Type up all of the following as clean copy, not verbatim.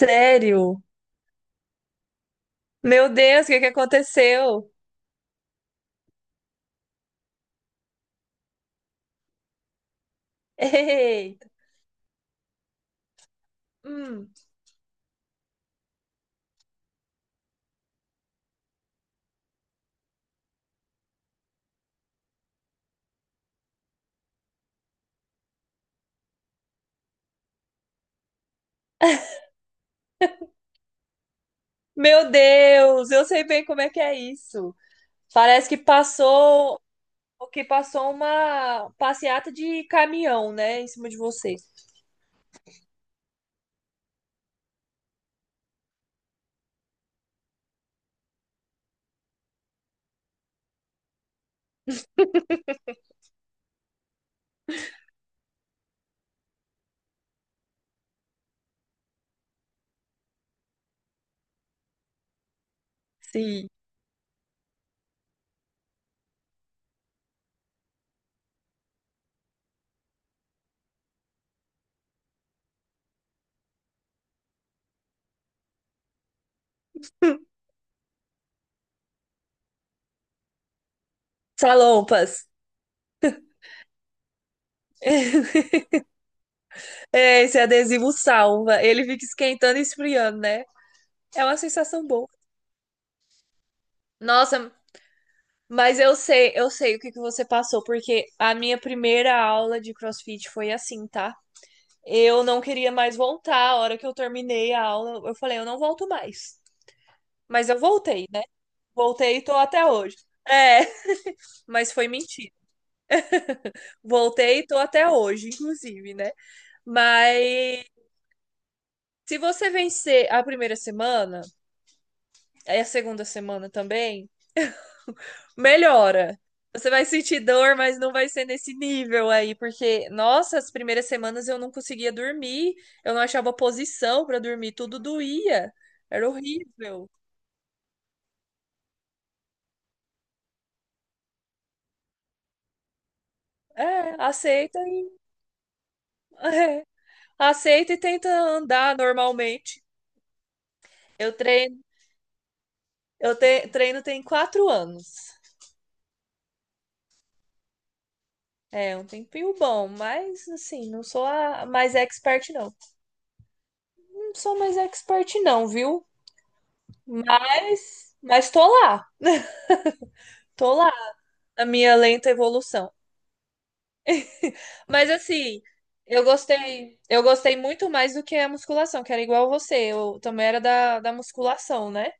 Sério? Meu Deus, o que que aconteceu? Eita. Hum. Meu Deus, eu sei bem como é que é isso. Parece que passou uma passeata de caminhão, né, em cima de você. Sim. Salompas. É, esse adesivo salva. Ele fica esquentando e esfriando, né? É uma sensação boa. Nossa, mas eu sei o que que você passou, porque a minha primeira aula de CrossFit foi assim, tá? Eu não queria mais voltar. A hora que eu terminei a aula, eu falei, eu não volto mais. Mas eu voltei, né? Voltei e tô até hoje. É, mas foi mentira. Voltei e tô até hoje, inclusive, né? Mas se você vencer a primeira semana, aí a segunda semana também, melhora. Você vai sentir dor, mas não vai ser nesse nível aí, porque, nossa, as primeiras semanas eu não conseguia dormir, eu não achava posição pra dormir, tudo doía, era horrível. É, aceita e é, aceita e tenta andar normalmente. Eu treino, eu treino tem 4 anos. É, um tempinho bom, mas assim, não sou a mais expert, não. Não sou mais expert, não, viu? Mas tô lá na minha lenta evolução. Mas assim, eu gostei muito mais do que a musculação, que era igual você. Eu também era da musculação, né?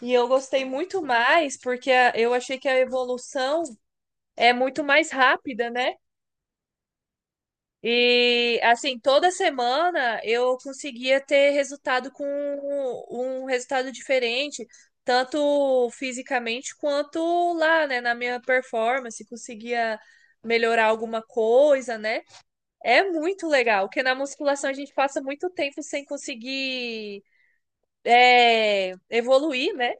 E eu gostei muito mais porque eu achei que a evolução é muito mais rápida, né? E assim, toda semana eu conseguia ter resultado com um resultado diferente, tanto fisicamente quanto lá, né, na minha performance, conseguia melhorar alguma coisa, né? É muito legal, porque na musculação a gente passa muito tempo sem conseguir evoluir, né?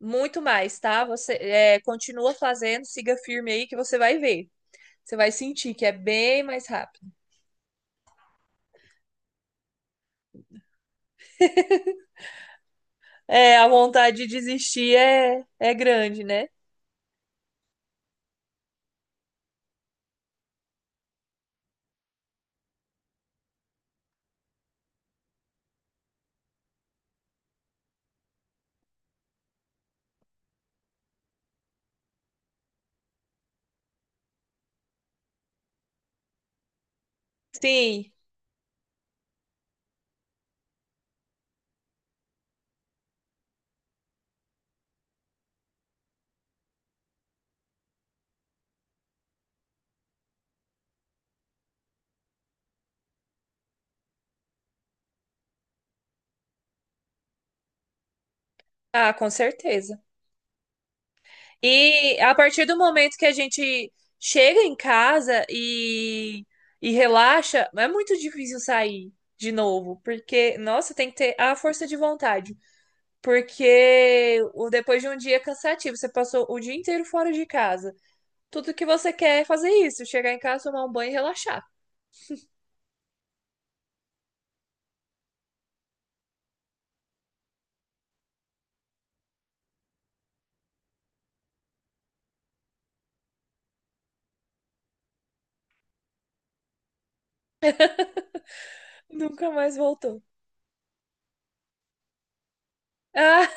Muito mais, tá? Você continua fazendo, siga firme aí que você vai ver. Você vai sentir que é bem mais rápido. É, a vontade de desistir é grande, né? Sim. Ah, com certeza. E a partir do momento que a gente chega em casa e relaxa, é muito difícil sair de novo, porque, nossa, tem que ter a força de vontade. Porque depois de um dia cansativo, você passou o dia inteiro fora de casa. Tudo que você quer é fazer isso, chegar em casa, tomar um banho e relaxar. Nunca mais voltou. Ah,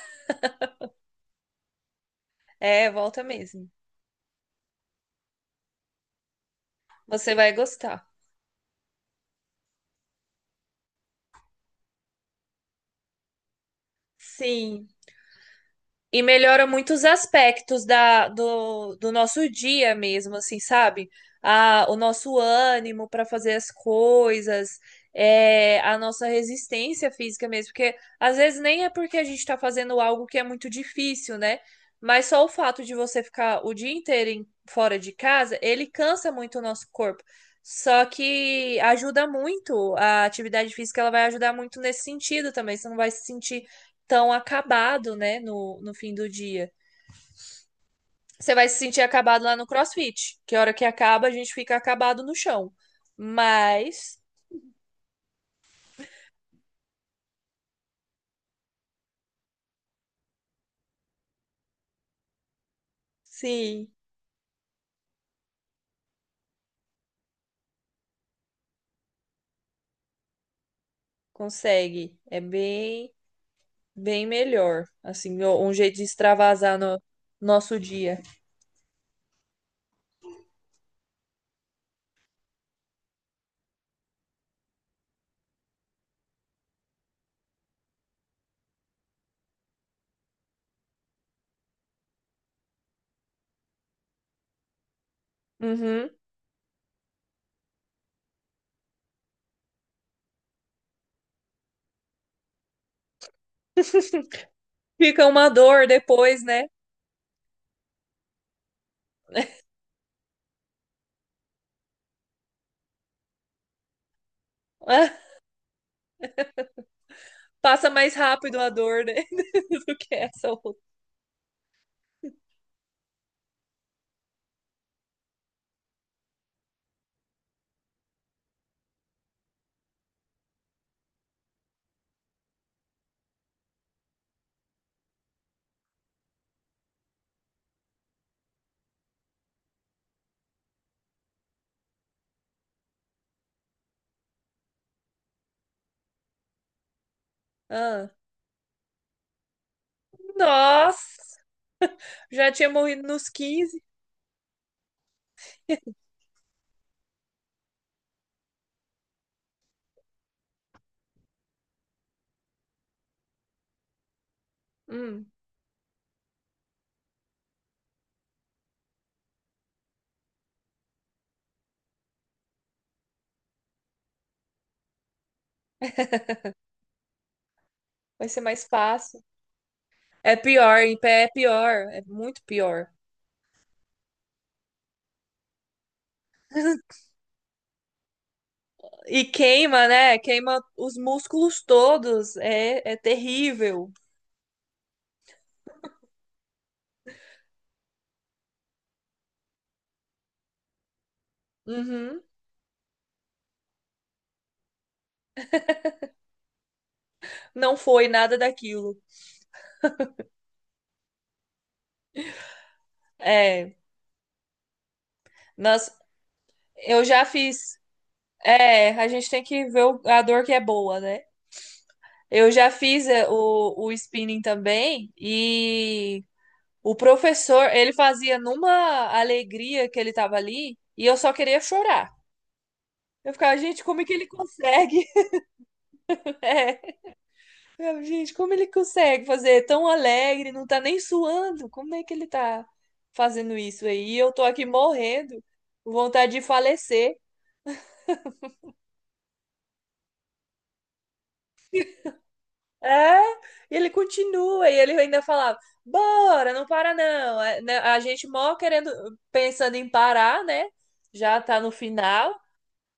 é, volta mesmo. Você vai gostar. Sim. E melhora muitos aspectos do nosso dia mesmo, assim, sabe? O nosso ânimo para fazer as coisas, a nossa resistência física mesmo, porque às vezes nem é porque a gente está fazendo algo que é muito difícil, né? Mas só o fato de você ficar o dia inteiro fora de casa, ele cansa muito o nosso corpo. Só que ajuda muito, a atividade física ela vai ajudar muito nesse sentido também. Você não vai se sentir tão acabado, né, no fim do dia. Você vai se sentir acabado lá no CrossFit, que a hora que acaba a gente fica acabado no chão. Mas sim, consegue. É bem, bem melhor. Assim, um jeito de extravasar no nosso dia. Uhum. Fica uma dor depois, né? Passa mais rápido a dor, né? Do que essa outra. Ah. Nossa! Já tinha morrido nos 15. Hum, Vai ser mais fácil. É pior, em pé é pior, é muito pior. E queima, né? Queima os músculos todos. É terrível. Uhum. Não foi nada daquilo. É, nós, eu já fiz. É, a gente tem que ver a dor que é boa, né? Eu já fiz o spinning também e o professor, ele fazia numa alegria que ele tava ali e eu só queria chorar. Eu ficava, gente, como é que ele consegue? É. Gente, como ele consegue fazer tão alegre, não tá nem suando? Como é que ele tá fazendo isso aí? E eu tô aqui morrendo, com vontade de falecer. É, e ele continua, e ele ainda falava, bora, não para não. É, né, a gente mó querendo, pensando em parar, né? Já tá no final,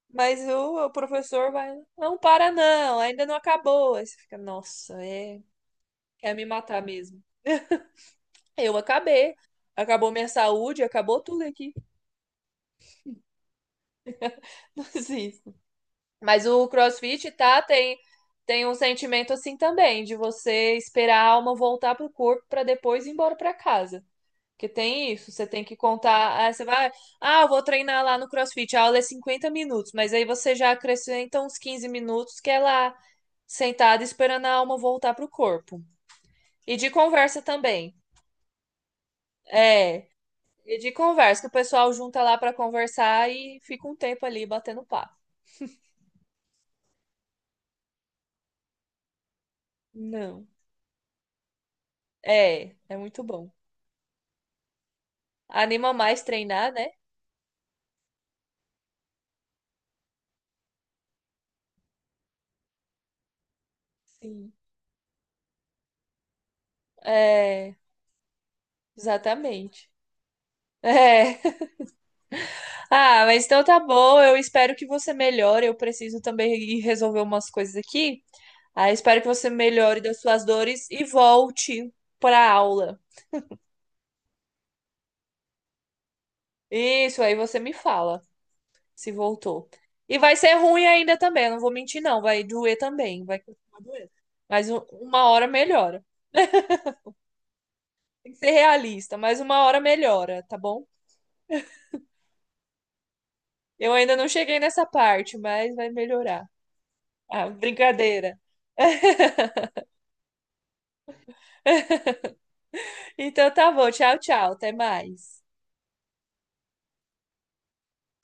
mas o professor vai, não para não, ainda não acabou. Aí você fica, nossa, quer me matar mesmo. Eu acabei, acabou minha saúde, acabou tudo aqui. Sim. Mas o CrossFit, tá, tem um sentimento assim também, de você esperar a alma voltar pro corpo para depois ir embora para casa. Porque tem isso, você tem que contar, ah, você vai, ah, eu vou treinar lá no CrossFit, a aula é 50 minutos, mas aí você já acrescenta uns 15 minutos que é lá sentada esperando a alma voltar pro corpo. E de conversa também. É, e de conversa, que o pessoal junta lá para conversar e fica um tempo ali batendo papo. Não. É, é muito bom. Anima mais treinar, né? Sim. É, exatamente. É. Ah, mas então tá bom. Eu espero que você melhore. Eu preciso também ir resolver umas coisas aqui. Ah, espero que você melhore das suas dores e volte pra aula. Isso, aí você me fala se voltou. E vai ser ruim ainda também, eu não vou mentir, não. Vai doer também. Vai continuar doendo. Mas uma hora melhora. Tem que ser realista, mas uma hora melhora, tá bom? Eu ainda não cheguei nessa parte, mas vai melhorar. Ah, brincadeira. Então tá bom. Tchau, tchau. Até mais.